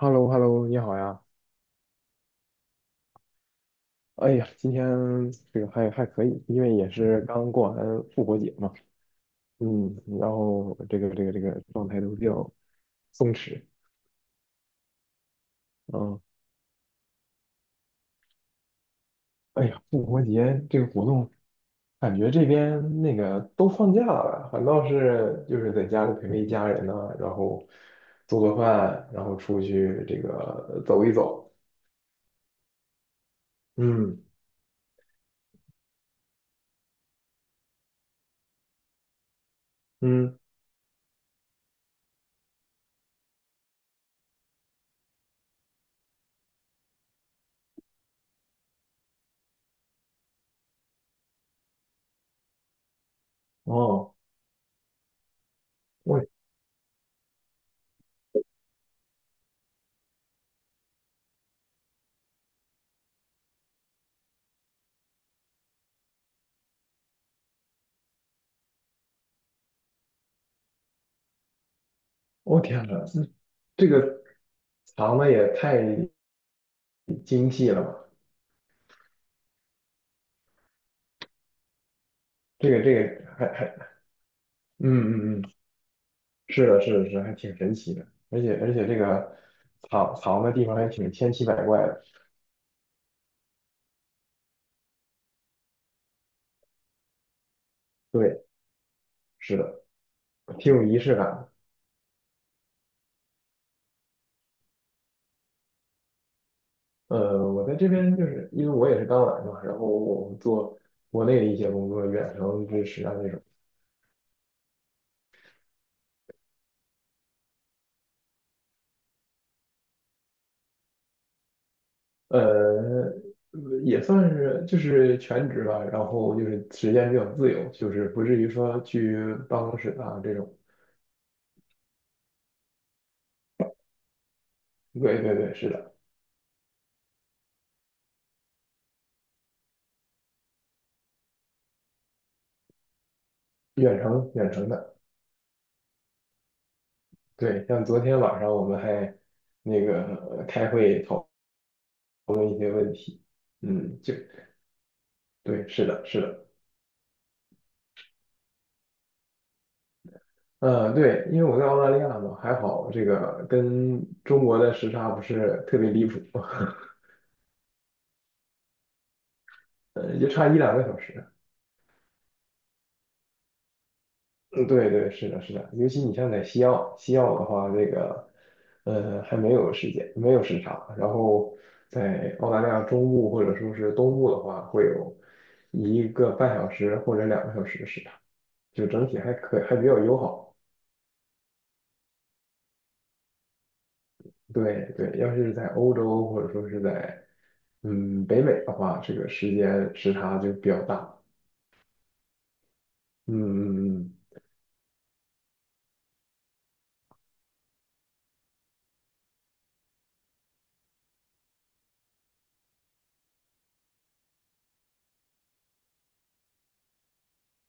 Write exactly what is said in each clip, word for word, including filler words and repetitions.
h e l l o h e l l o 你好呀！哎呀，今天这个还还可以，因为也是刚过完复活节嘛，嗯，然后这个这个这个状态都比较松弛。嗯，哎呀，复活节这个活动，感觉这边那个都放假了，反倒是就是在家里陪陪家人呢，然后做做饭，然后出去这个走一走。嗯嗯，哦，我我天呐，这个藏的也太精细了嘛。这个这个还还嗯嗯嗯，是的，是的，是的，还挺神奇的，而且而且这个藏藏的地方还挺千奇百怪的。对，是的，挺有仪式感的。呃，我在这边就是因为我也是刚来嘛，然后我们做国内的一些工作，远程支持啊那种。呃，也算是就是全职吧，然后就是时间比较自由，就是不至于说去办公室啊这种。对对对，是的，远程远程的。对，像昨天晚上我们还那个呃开会讨论一些问题。嗯，就对，是的，是的。嗯，对，因为我在澳大利亚嘛，还好这个跟中国的时差不是特别离谱。呃，也就差一两个小时。嗯，对对，是的，是的，尤其你像在西澳，西澳的话，这个呃还没有时间，没有时差，然后在澳大利亚中部或者说是东部的话，会有一个半小时或者两个小时的时差。就整体还可还比较友好。对对，要是在欧洲或者说是在嗯北美的话，这个时间时差就比较大。嗯嗯嗯，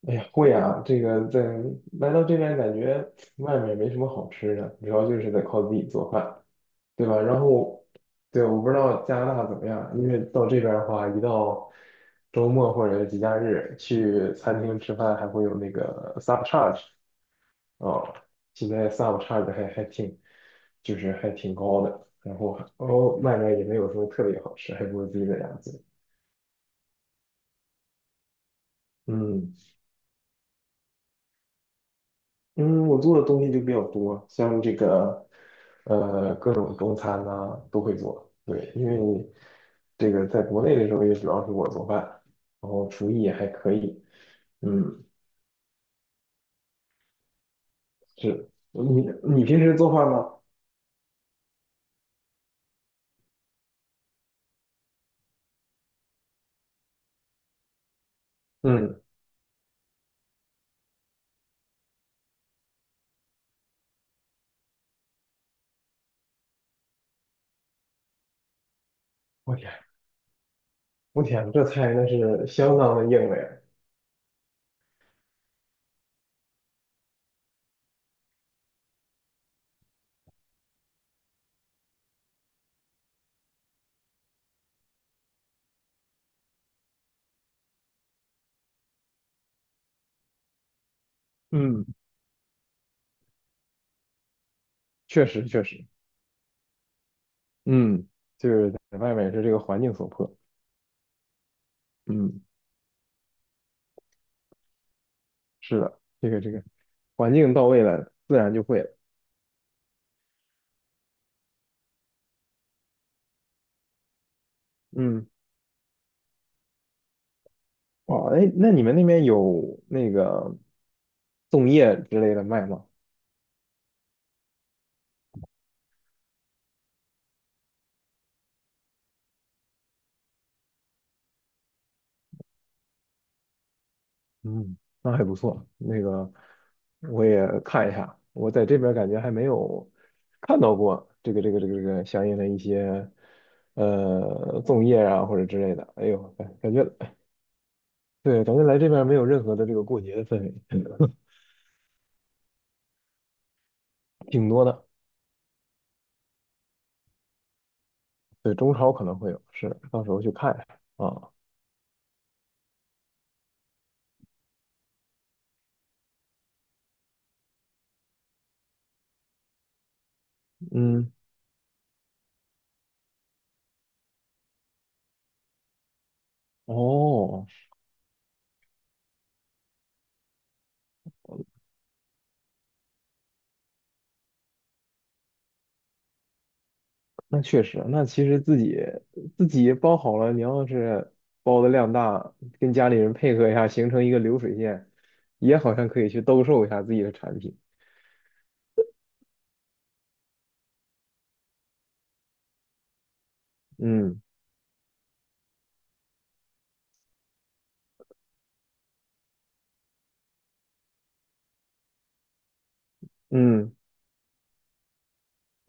嗯哎呀，会啊，这个在来到这边感觉外面没什么好吃的，主要就是得靠自己做饭。对吧？然后对，我不知道加拿大怎么样，因为到这边的话，一到周末或者是节假日去餐厅吃饭，还会有那个 sub charge。哦，现在 sub 差的还还挺，就是还挺高的。然后哦外卖也没有什么特别好吃，还不如自己在家做。嗯嗯，我做的东西就比较多，像这个呃各种中餐呐，都会做。对，因为你这个在国内的时候也主要是我做饭，然后厨艺也还可以。嗯，是你你平时做饭吗？嗯，我天，我天，这菜那是相当的硬了呀。嗯，确实确实。嗯，就是在外面是这个环境所迫。嗯，是的，这个这个环境到位了，自然就会了。嗯，哦，哎，那你们那边有那个粽叶之类的卖吗？嗯，那还不错。那个我也看一下，我在这边感觉还没有看到过这个这个这个这个相应的一些呃粽叶啊或者之类的。哎呦，感感觉对，感觉来这边没有任何的这个过节的氛围。挺多的。对，中超可能会有，是，到时候去看一下啊。嗯，哦，那确实，那其实自己自己包好了，你要是包的量大，跟家里人配合一下，形成一个流水线，也好像可以去兜售一下自己的产品。嗯嗯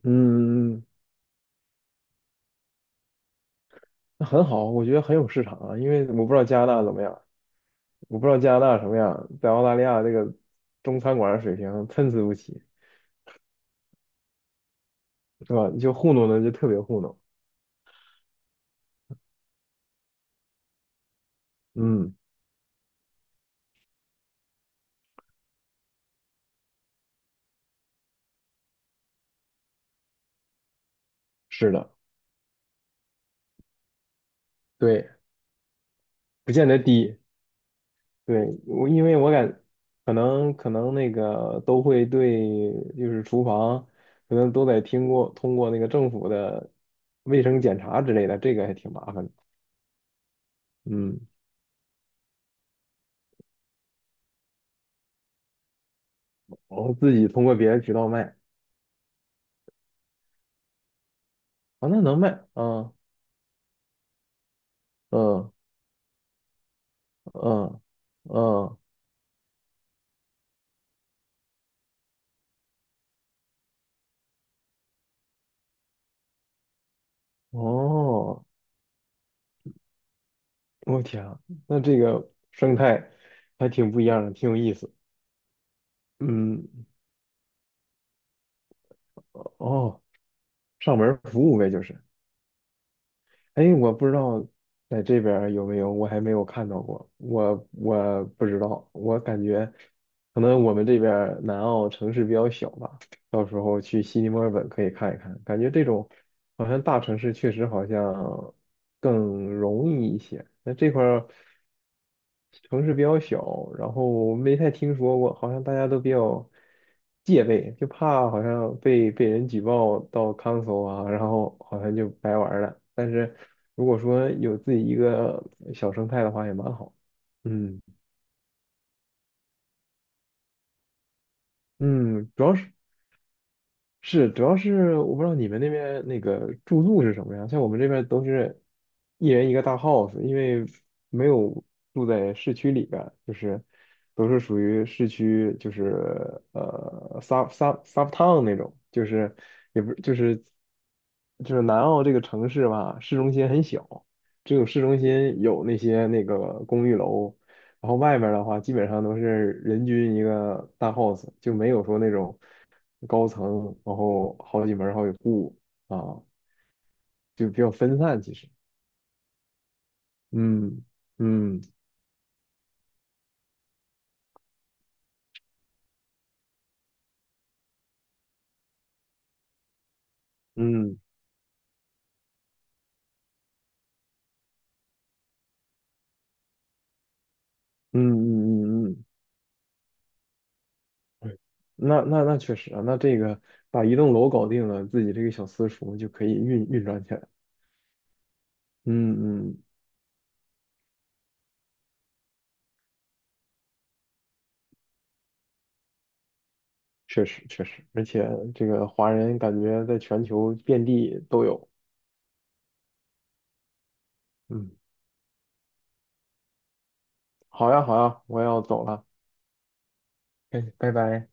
嗯，那很好，我觉得很有市场啊，因为我不知道加拿大怎么样，我不知道加拿大什么样，在澳大利亚这个中餐馆的水平参差不齐，是吧？就糊弄的就特别糊弄。嗯，是的。对。不见得低。对，我因为我感可能可能那个都会对，就是厨房可能都得听过通过那个政府的卫生检查之类的，这个还挺麻烦的。嗯，然后自己通过别的渠道卖啊，那能卖啊。嗯嗯嗯，哦，我天啊，那这个生态还挺不一样的，挺有意思。嗯，哦，上门服务呗，就是。哎，我不知道在这边儿有没有，我还没有看到过，我我不知道，我感觉可能我们这边儿南澳城市比较小吧，到时候去悉尼、墨尔本可以看一看，感觉这种好像大城市确实好像更容易一些。那这块儿城市比较小，然后没太听说过，好像大家都比较戒备，就怕好像被被人举报到 c o n c i l 啊，然后好像就白玩儿了。但是如果说有自己一个小生态的话，也蛮好。嗯嗯，主要是。是，主要是我不知道你们那边那个住宿是什么样，像我们这边都是一人一个大 house，因为没有住在市区里边儿就是都是属于市区，就是呃 sub sub sub town 那种，就是也不就是就是南澳这个城市吧，市中心很小，只有市中心有那些那个公寓楼，然后外面儿的话基本上都是人均一个大 house，就没有说那种高层，然后好几门儿好几户啊，就比较分散其实。嗯嗯嗯嗯嗯嗯嗯，对，那那那确实啊，那这个把一栋楼搞定了，自己这个小私塾就可以运运转起来。嗯嗯，确实确实，而且这个华人感觉在全球遍地都有。嗯，好呀好呀，我要走了，哎，拜拜。